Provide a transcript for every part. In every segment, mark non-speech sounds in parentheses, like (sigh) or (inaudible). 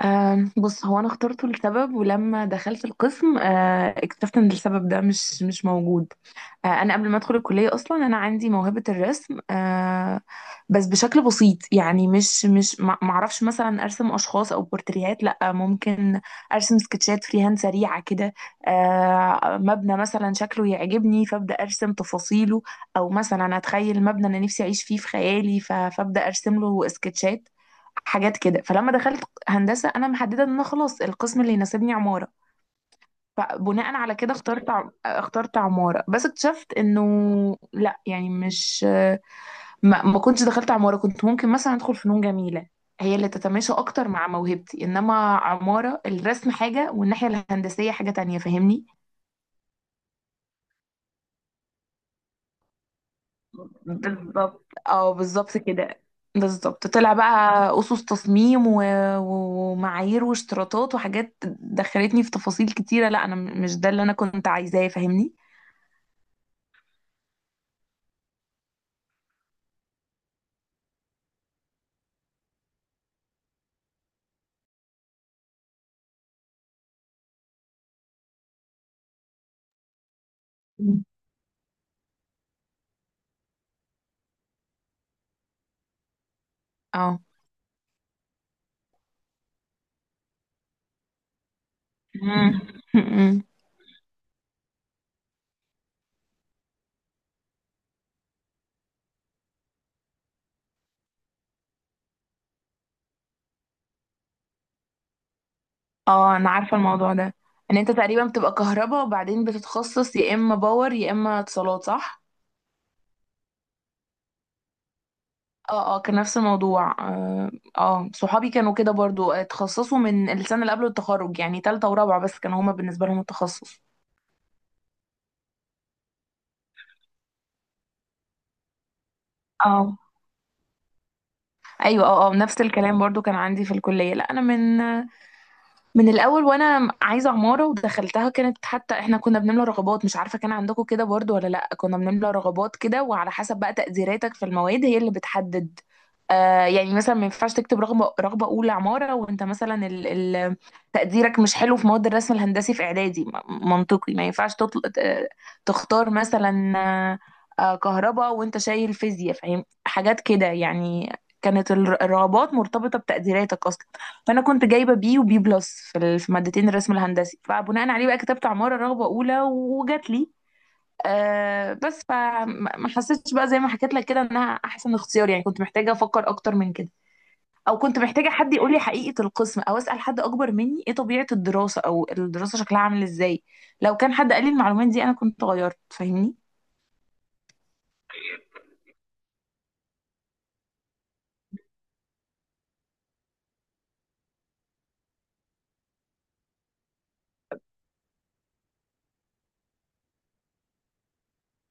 آه بص، هو انا اخترته لسبب، ولما دخلت القسم آه اكتشفت ان السبب ده مش موجود. آه، انا قبل ما ادخل الكليه اصلا انا عندي موهبه الرسم. آه، بس بشكل بسيط، يعني مش مش ما ما اعرفش مثلا ارسم اشخاص او بورتريهات، لا. ممكن ارسم سكتشات فري هاند سريعه كده. آه، مبنى مثلا شكله يعجبني فابدا ارسم تفاصيله، او مثلا اتخيل مبنى انا نفسي اعيش فيه في خيالي فابدا ارسم له سكتشات، حاجات كده. فلما دخلت هندسه انا محدده ان انا خلاص القسم اللي يناسبني عماره، فبناء على كده اخترت اخترت عمارة. بس اكتشفت انه لا، يعني مش ما كنتش دخلت عمارة، كنت ممكن مثلا ادخل فنون جميلة، هي اللي تتماشى اكتر مع موهبتي. انما عمارة، الرسم حاجة والناحية الهندسية حاجة تانية، فاهمني. بالظبط، اه بالظبط كده. بالظبط طلع بقى اسس تصميم و ومعايير واشتراطات وحاجات دخلتني في تفاصيل كتيرة. لا انا مش ده اللي انا كنت عايزاه، فاهمني. مم. اه. مم. (laughs) اه انا عارفة الموضوع ده، ان انت تقريبا بتبقى كهرباء وبعدين بتتخصص يا اما باور يا اما اتصالات، صح. اه اه كان نفس الموضوع اه. آه، صحابي كانوا كده برضو، آه، اتخصصوا من السنة اللي قبل التخرج يعني تالتة ورابعة، بس كانوا هما بالنسبة لهم التخصص. اه. ايوه اه اه، نفس الكلام برضو كان عندي في الكلية. لا انا من من الاول وانا عايزه عماره ودخلتها. كانت حتى احنا كنا بنملى رغبات، مش عارفه كان عندكم كده برضو ولا لا، كنا بنملى رغبات كده وعلى حسب بقى تقديراتك في المواد هي اللي بتحدد. آه يعني مثلا ما ينفعش تكتب رغبه اولى عماره وانت مثلا ال تقديرك مش حلو في مواد الرسم الهندسي في اعدادي، منطقي ما ينفعش تختار مثلا آه، كهرباء وانت شايل فيزياء، فاهم حاجات كده يعني. كانت الرغبات مرتبطه بتقديراتك اصلا. فانا كنت جايبه بي وبي بلس في في مادتين الرسم الهندسي، فبناء عليه بقى كتبت عماره رغبه اولى وجات لي. آه بس فما ما حسيتش بقى زي ما حكيت لك كده انها احسن اختيار، يعني كنت محتاجه افكر اكتر من كده، او كنت محتاجه حد يقول لي حقيقه القسم او اسال حد اكبر مني ايه طبيعه الدراسه او الدراسه شكلها عامل ازاي. لو كان حد قال لي المعلومات دي انا كنت غيرت، فاهمني.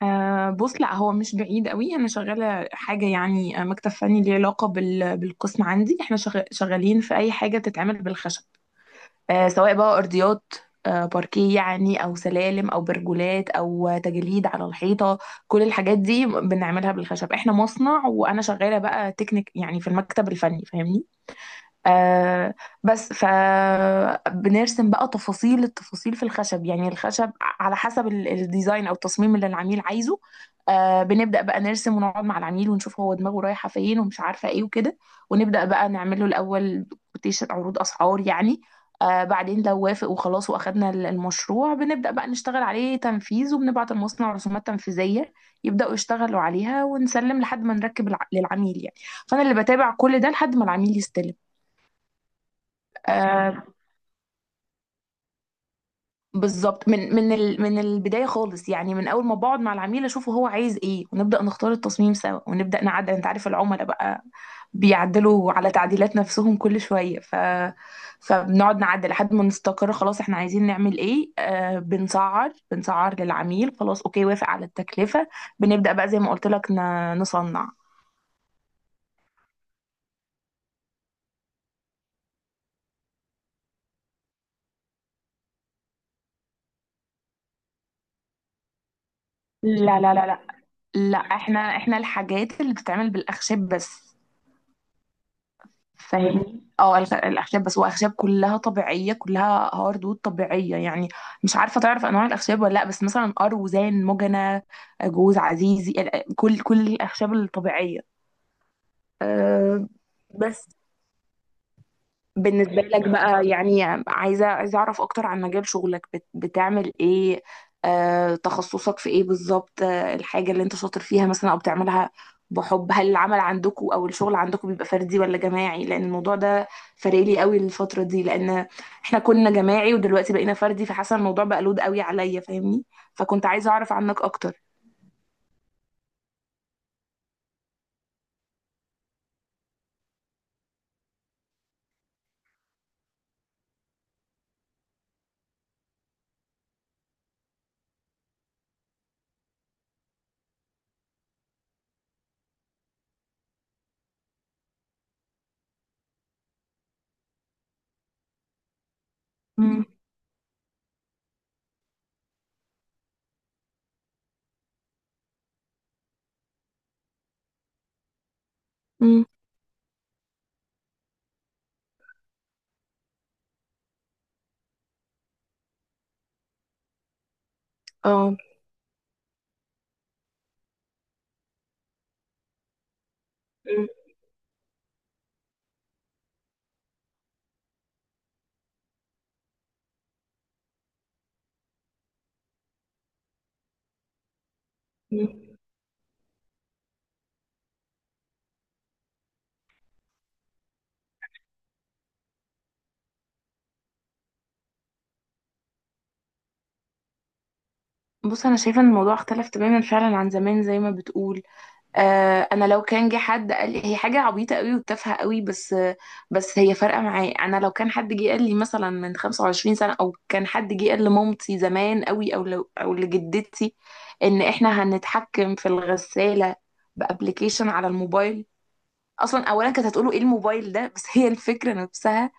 آه بص، لا هو مش بعيد قوي. انا شغاله حاجه يعني، آه، مكتب فني ليه علاقه بالقسم عندي. احنا شغالين في اي حاجه بتتعمل بالخشب، آه، سواء بقى أرضيات، آه، باركيه يعني، أو سلالم أو برجولات أو تجليد على الحيطة. كل الحاجات دي بنعملها بالخشب. احنا مصنع وأنا شغالة بقى تكنيك يعني في المكتب الفني، فاهمني. آه بس فبنرسم بقى تفاصيل التفاصيل في الخشب، يعني الخشب على حسب الديزاين او التصميم اللي العميل عايزه. آه بنبدأ بقى نرسم ونقعد مع العميل ونشوف هو دماغه رايحة فين ومش عارفة ايه وكده، ونبدأ بقى نعمل له الاول كوتيشن، عروض اسعار يعني. آه بعدين لو وافق وخلاص واخدنا المشروع بنبدأ بقى نشتغل عليه تنفيذ، وبنبعت المصنع رسومات تنفيذية يبدأوا يشتغلوا عليها، ونسلم لحد ما نركب للعميل يعني. فأنا اللي بتابع كل ده لحد ما العميل يستلم. آه بالظبط، من من البدايه خالص، يعني من اول ما بقعد مع العميل اشوفه هو عايز ايه، ونبدا نختار التصميم سوا ونبدا نعدل. انت عارف العملاء بقى بيعدلوا على تعديلات نفسهم كل شويه، فبنقعد نعدل لحد ما نستقر خلاص احنا عايزين نعمل ايه. آه بنسعر، بنسعر للعميل خلاص، اوكي، وافق على التكلفه، بنبدا بقى زي ما قلت لك نصنع. لا لا لا لا، لا احنا الحاجات اللي بتتعمل بالاخشاب بس، فاهمني. اه الاخشاب بس، واخشاب كلها طبيعيه، كلها هاردوود طبيعيه يعني. مش عارفه تعرف انواع الاخشاب ولا لا، بس مثلا اروزان، مجنة، جوز، عزيزي، كل كل الاخشاب الطبيعيه. أه بس. بالنسبة لك بقى يعني، عايزة عايزة أعرف أكتر عن مجال شغلك، بت بتعمل إيه، آه، تخصصك في إيه بالظبط، آه، الحاجة اللي أنت شاطر فيها مثلا أو بتعملها بحب. هل العمل عندكم أو الشغل عندكم بيبقى فردي ولا جماعي، لأن الموضوع ده فارق لي قوي الفترة دي. لأن إحنا كنا جماعي ودلوقتي بقينا فردي، فحاسة الموضوع بقى لود قوي عليا، فاهمني. فكنت عايزة أعرف عنك أكتر. مم. مم. اه. مم. مم. بص، أنا شايفة إن الموضوع اختلف تماما فعلا عن زمان زي ما بتقول. آه، انا لو كان جه حد قال لي هي حاجه عبيطه قوي وتافهه قوي، بس بس هي فارقه معايا. انا لو كان حد جه قال لي مثلا من 25 سنه، او كان حد جه قال لمامتي زمان قوي او لو او لجدتي ان احنا هنتحكم في الغساله بابلكيشن على الموبايل، اصلا اولا كانت هتقولوا ايه الموبايل ده، بس هي الفكره نفسها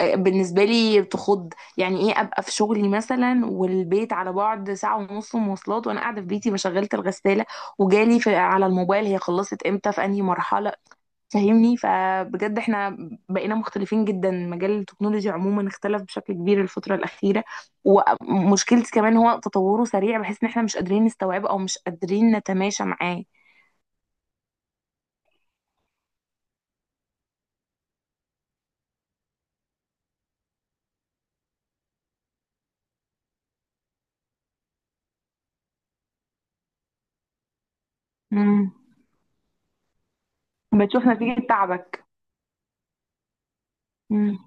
بالنسبة لي بتخض. يعني ايه ابقى في شغلي مثلا والبيت على بعد ساعة ونص مواصلات، وانا قاعدة في بيتي ما شغلت الغسالة، وجالي في على الموبايل هي خلصت امتى في انهي مرحلة. فاهمني، فبجد احنا بقينا مختلفين جدا. مجال التكنولوجيا عموما اختلف بشكل كبير الفترة الأخيرة، ومشكلتي كمان هو تطوره سريع بحيث ان احنا مش قادرين نستوعبه او مش قادرين نتماشى معاه. امم. بتشوف نتيجة تعبك. امم.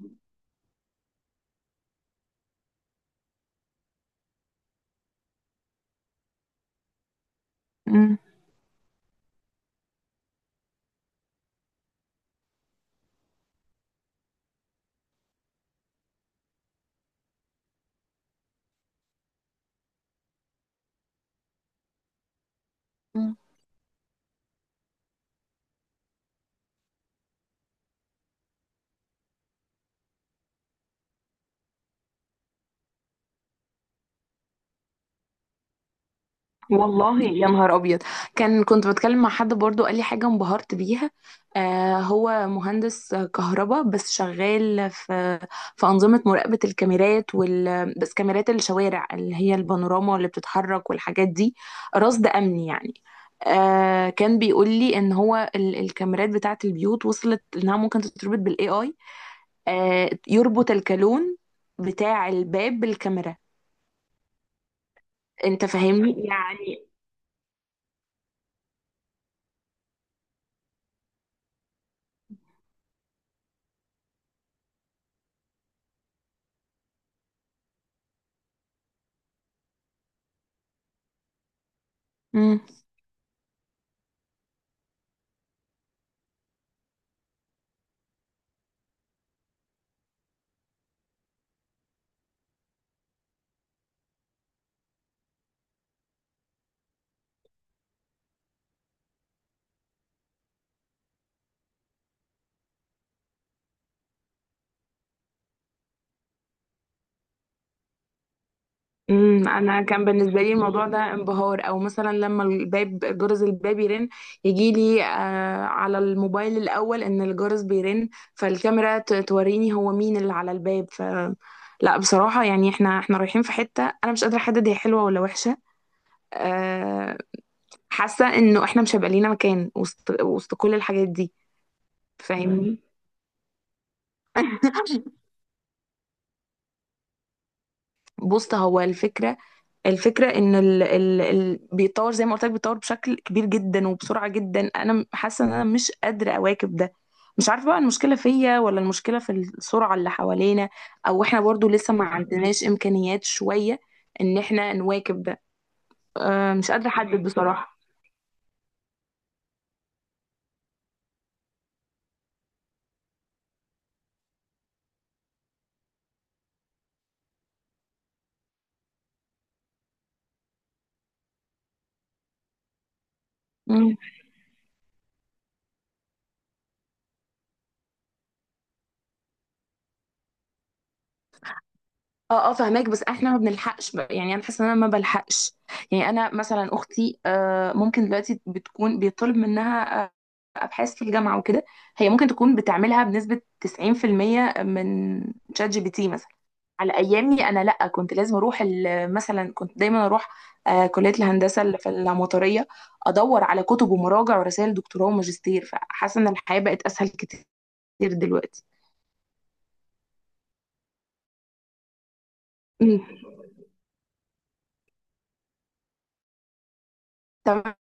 امم. والله يا نهار ابيض. كان كنت بتكلم مع حد برضو قال لي حاجه انبهرت بيها. آه هو مهندس كهرباء بس شغال في في انظمه مراقبه الكاميرات، وال بس كاميرات الشوارع اللي هي البانوراما اللي بتتحرك والحاجات دي، رصد امني يعني. آه كان بيقول لي ان هو الكاميرات بتاعه البيوت وصلت انها ممكن تتربط بالاي اي. آه يربط الكالون بتاع الباب بالكاميرا، انت فاهمني. مم. امم، انا كان بالنسبه لي الموضوع ده انبهار، او مثلا لما الباب، جرس الباب يرن يجي لي آه على الموبايل الاول ان الجرس بيرن، فالكاميرا توريني هو مين اللي على الباب. لا بصراحه يعني احنا احنا رايحين في حته انا مش قادره احدد هي حلوه ولا وحشه. آه، حاسه انه احنا مش هيبقى لينا مكان وسط، وسط كل الحاجات دي، فاهمني. (laughs) بص، هو الفكرة، الفكرة ان ال بيتطور زي ما قلت لك، بيتطور بشكل كبير جدا وبسرعة جدا. انا حاسة ان انا مش قادرة اواكب ده. مش عارفة بقى المشكلة فيا ولا المشكلة في السرعة اللي حوالينا، او احنا برضو لسه ما عندناش امكانيات شوية ان احنا نواكب ده. أه مش قادرة احدد بصراحة. مم. اه اه فهماك، بس احنا ما بنلحقش بقى. يعني انا حاسه ان انا ما بلحقش. يعني انا مثلا اختي آه ممكن دلوقتي بتكون بيطلب منها آه، ابحاث في الجامعه وكده، هي ممكن تكون بتعملها بنسبه 90% من شات جي بي تي مثلا. على ايامي انا لا، كنت لازم اروح مثلا كنت دايما اروح آه، كليه الهندسه اللي في العماريه، ادور على كتب ومراجع ورسائل دكتوراه وماجستير. فحاسه ان الحياه بقت اسهل كتير دلوقتي. أمم. تمام.